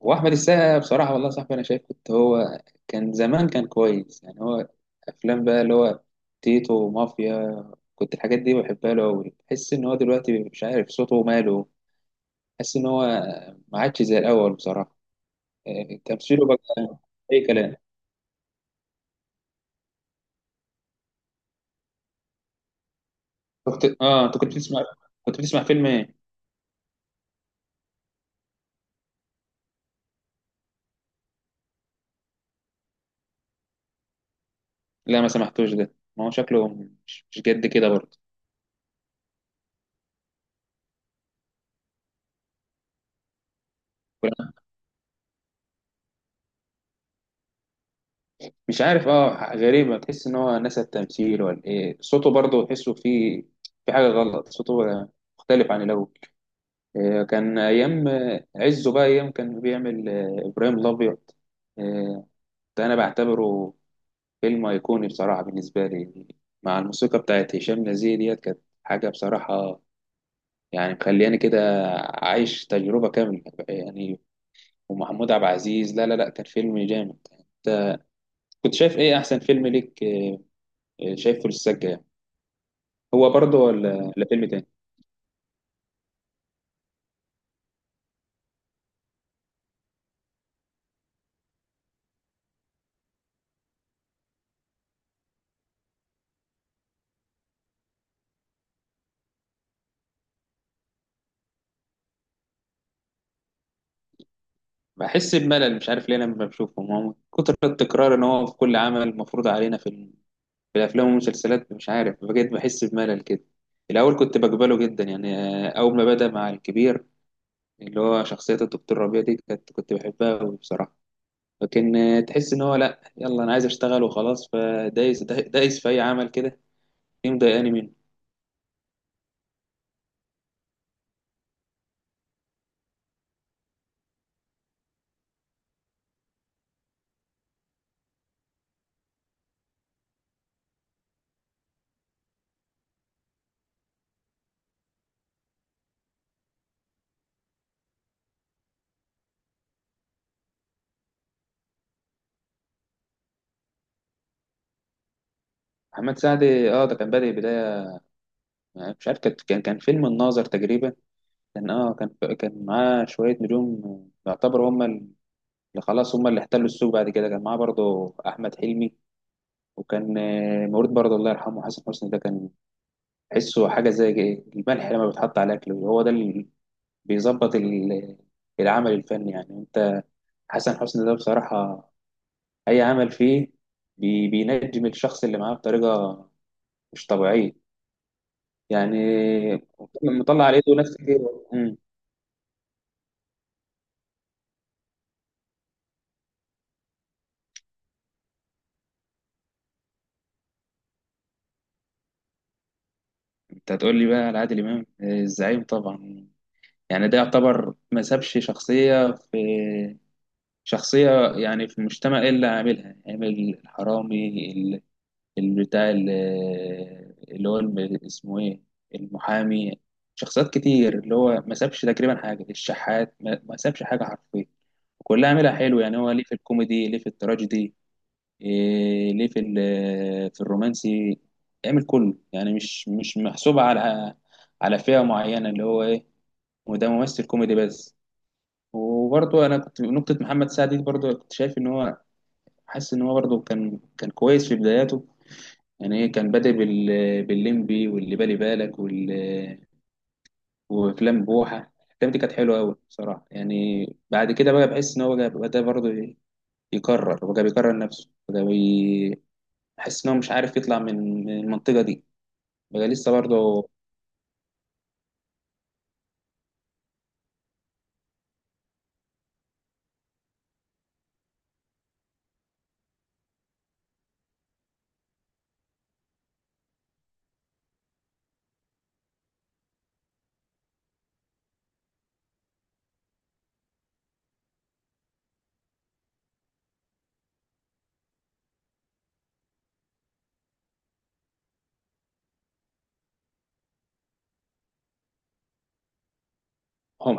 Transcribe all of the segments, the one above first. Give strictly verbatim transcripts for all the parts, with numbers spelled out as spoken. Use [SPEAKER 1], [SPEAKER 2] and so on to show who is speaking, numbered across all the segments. [SPEAKER 1] واحمد السقا بصراحه والله يا صاحبي انا شايف كنت هو كان زمان كان كويس يعني هو افلام بقى اللي هو تيتو ومافيا كنت الحاجات دي بحبها له قوي، بحس ان هو دلوقتي مش عارف صوته وماله. بحس ان هو ما عادش زي الاول بصراحه. آه، تمثيله بقى اي كلام. كنت اه انت كنت بتسمع كنت بتسمع فيلم ايه؟ لا ما سمعتوش ده، ما هو شكله مش مش جد كده برضه. مش عارف، اه غريبة تحس ان هو نسى التمثيل ولا ايه، صوته برضه تحسه فيه في حاجة غلط. صوته مختلف عن الاول. آه، كان ايام آه، عزه بقى، ايام كان بيعمل آه، ابراهيم الابيض. آه، ده انا بعتبره فيلم ايقوني بصراحة بالنسبة لي، مع الموسيقى بتاعت هشام نزيه ديت، كانت حاجة بصراحة يعني، مخلياني كده عايش تجربة كاملة يعني. ومحمود عبد العزيز، لا لا لا كان فيلم جامد. كنت شايف ايه احسن فيلم ليك آه، آه، شايفه للسجة يعني؟ هو برضه ولا ولا فيلم تاني؟ بحس بملل مش عارف ليه انا لما بشوفهم، هو من كتر التكرار ان هو في كل عمل مفروض علينا في ال- في الافلام والمسلسلات، مش عارف بجد بحس بملل كده. الاول كنت بقبله جدا يعني، آه، اول ما بدا مع الكبير، اللي هو شخصيه الدكتور ربيع دي كنت كنت بحبها أوي بصراحه. لكن آه، تحس ان هو لا، يلا انا عايز اشتغل وخلاص، فدايس دايس في اي عمل كده. دي مضايقاني منه. محمد سعد، اه ده كان بادئ بدايه، مش عارف، كان كان كان فيلم الناظر تقريبا، كان اه كان كان معاه شوية نجوم يعتبر هم اللي خلاص هم اللي احتلوا السوق. بعد كده كان معاه برضه أحمد حلمي، وكان آه، مولود برضه، الله يرحمه، حسن حسني ده كان تحسه حاجة زي الملح لما بيتحط على الأكل، هو ده اللي بيظبط ال- العمل الفني يعني. أنت حسن حسني ده بصراحة أي عمل فيه بي- بينجم الشخص اللي معاه بطريقة مش طبيعية يعني. مطلع على إيده ناس كتير. مم. أنت هتقول لي بقى على عادل إمام، آه، الزعيم طبعا يعني. ده يعتبر ما سابش شخصية في شخصية يعني في المجتمع إلا عاملها، عامل الحرامي، ال- ال- بتاع ال- اللي هو الم- اسمه إيه، المحامي. شخصيات كتير اللي هو ما سابش تقريبا حاجة، الشحات ما ما سابش حاجة حرفيا. كلها عاملها حلو يعني، هو ليه في الكوميدي، ليه في التراجيدي، إيه، ليه في ال- في الرومانسي، عامل كله يعني. مش مش محسوبة على على فئة معينة، اللي هو إيه، وده ممثل كوميدي بس. وبرضه انا كنت نقطه محمد سعد دي برضه كنت شايف ان هو، حاسس ان هو برضه كان كان كويس في بداياته يعني. إيه، كان بادئ بال بالليمبي واللي بالي بالك وال وافلام بوحه. الافلام دي كانت حلوه قوي بصراحه، يعني بعد كده بقى بحس ان هو بقى بدا برضه إيه، يكرر بقى، بيكرر نفسه بقى بي- بحس ان هو مش عارف يطلع من من المنطقه دي بقى لسه برضه. هم،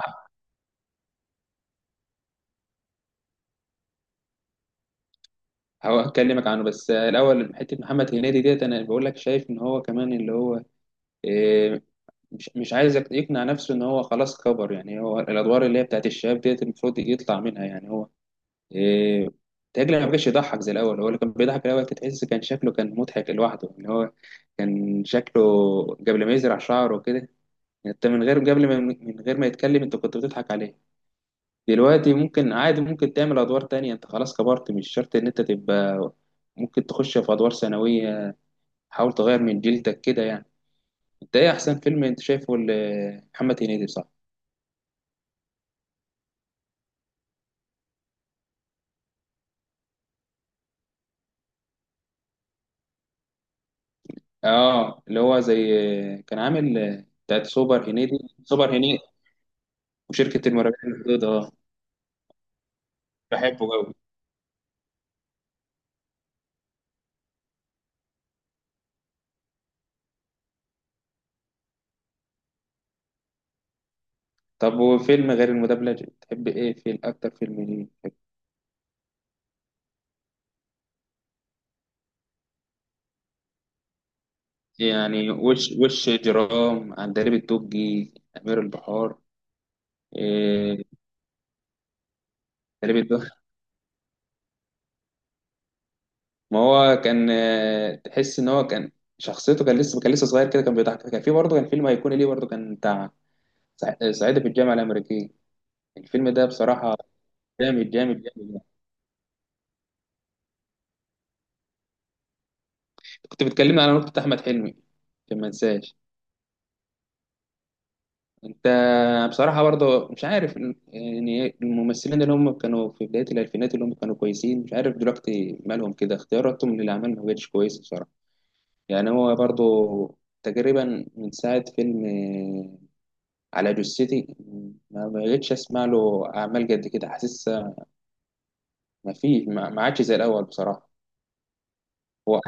[SPEAKER 1] هكلمك عنه بس الاول حته محمد هنيدي ديت، انا بقول لك شايف ان هو كمان اللي هو إيه، مش مش عايز يق- يقنع نفسه ان هو خلاص كبر يعني. هو الادوار اللي هي بتاعت الشباب ديت المفروض يطلع منها يعني هو إيه تاجل. ما بقاش يضحك زي الاول. هو اللي كان بيضحك الاول، كنت تحس كان شكله كان مضحك لوحده. ان هو كان شكله قبل ما يزرع شعره كده، انت من غير قبل ما من غير ما يتكلم انت كنت بتضحك عليه. دلوقتي ممكن عادي، ممكن تعمل ادوار تانية، انت خلاص كبرت مش شرط ان انت تبقى، ممكن تخش في ادوار ثانوية، حاول تغير من جلدك كده يعني. انت ايه احسن فيلم انت شايفه لمحمد هنيدي؟ صح، اه اللي هو زي، كان عامل آه، بتاعت سوبر هنيدي. سوبر هنيدي وشركة المرابحين البيضاء، اه بحبه قوي. طب وفيلم غير المدبلج بتحب ايه؟ فيلم اكتر فيلم ليه بتحب؟ يعني وش وش جرام، عندليب الدقي، امير البحار. إيه عندليب الدقي، ما هو كان آه، تحس ان هو كان شخصيته، كان لسه كان لسه صغير كده، كان بيضحك، كان في برضه كان فيلم هيكون ليه برضه كان بتاع صع- صعيدي في الجامعة الأمريكية. الفيلم ده بصراحة جامد جامد جامد. كنت بتكلمنا على نقطة أحمد حلمي عشان ما انساش. أنت بصراحة برضه مش عارف، يعني الممثلين اللي هم كانوا في بداية الألفينات اللي هم كانوا كويسين، مش عارف دلوقتي مالهم كده، اختياراتهم للأعمال ما بقتش كويسة بصراحة. يعني هو برضه تقريبا من ساعة فيلم آه، على جثتي، ما بقتش أسمع له أعمال قد كده. حاسس ما فيه، ما ما عادش زي الأول بصراحة. هو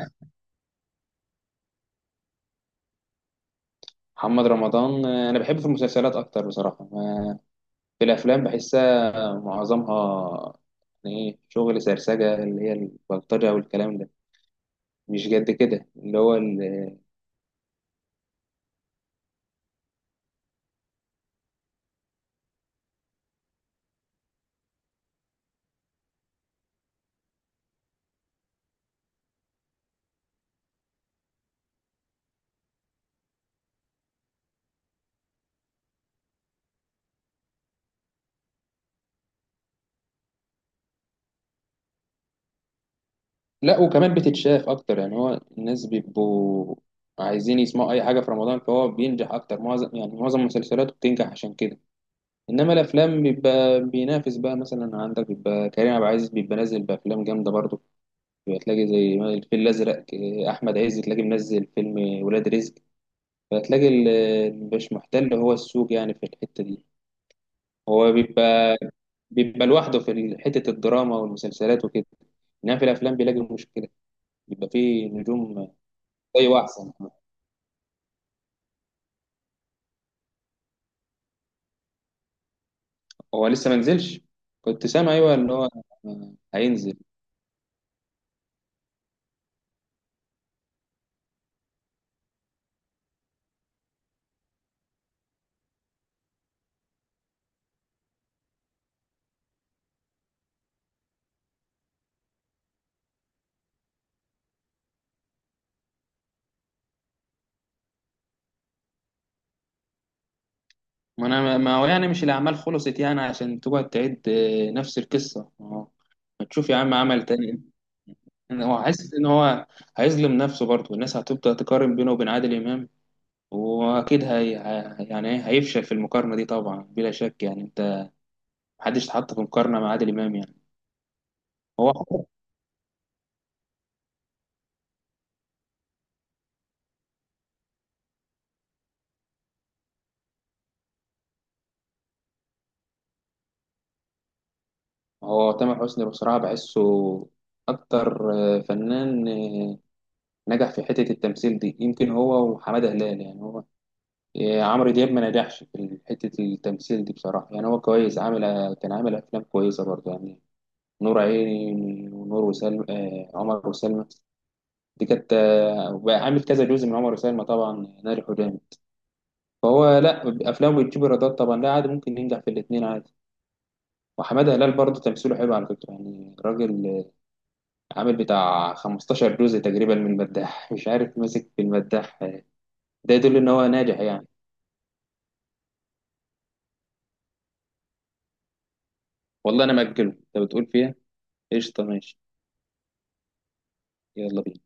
[SPEAKER 1] محمد رمضان آه، أنا بحبه في المسلسلات أكتر بصراحة. في الأفلام بحس معظمها يعني ايه شغل سرسجة، اللي هي البلطجة والكلام ده، مش قد كده اللي هو ال... لا وكمان بتتشاف اكتر، يعني هو الناس بيبقوا عايزين يسمعوا اي حاجة في رمضان، فهو بينجح اكتر، معظم يعني معظم مسلسلاته بتنجح عشان كده. انما الافلام بيبقى بينافس بقى، مثلا عندك بيبقى كريم عبد العزيز بيبقى نازل بافلام جامدة برضه، بتلاقي زي الفيل الازرق، آه، احمد عز تلاقي منزل فيلم ولاد رزق، فتلاقي ال- مش محتل هو السوق يعني في الحتة دي. هو بيبقى بيبقى لوحده في ال- حتة الدراما والمسلسلات وكده، إنما في الأفلام بيلاقي مشكلة، بيبقى فيه نجوم. أيوة أحسن. هو لسه ما نزلش؟ كنت سامع أيوة إن هو هينزل. ما أنا، ما هو يعني مش الأعمال خلصت يعني عشان تقعد تعيد آه، نفس القصة، ما هو- ما تشوف يا عم عمل تاني. أنا هو حاسس إن هو هيظلم نفسه برضه، الناس هتبدأ تقارن بينه وبين عادل إمام، وأكيد هي هي- يعني إيه، هيفشل في المقارنة دي طبعا بلا شك يعني. أنت محدش اتحط في مقارنة مع عادل إمام يعني. هو هو تامر حسني بصراحة بحسه أكتر، آه، فنان آه، نجح في حتة التمثيل دي، يمكن هو وحمادة هلال يعني. هو آه، عمرو دياب ما نجحش في حتة التمثيل دي بصراحة، يعني هو كويس، عامل آه، كان عامل أفلام كويسة برضه يعني، نور عيني ونور وسلمى، آه، عمر وسلمى دي كانت آه، وعامل كذا جزء من عمر وسلمى طبعا، نار الحجام. فهو لا، أفلامه بتجيب إيرادات طبعا، لا عادي ممكن ينجح في الاتنين عادي. وحمادة هلال برضه تمثيله حلو على فكرة يعني، راجل عامل بتاع 15 جزء تقريبا من المداح، مش عارف ماسك في المداح. ده يدل ان هو ناجح يعني. والله انا مأجله، انت بتقول فيها؟ قشطه، ماشي. يلا بينا.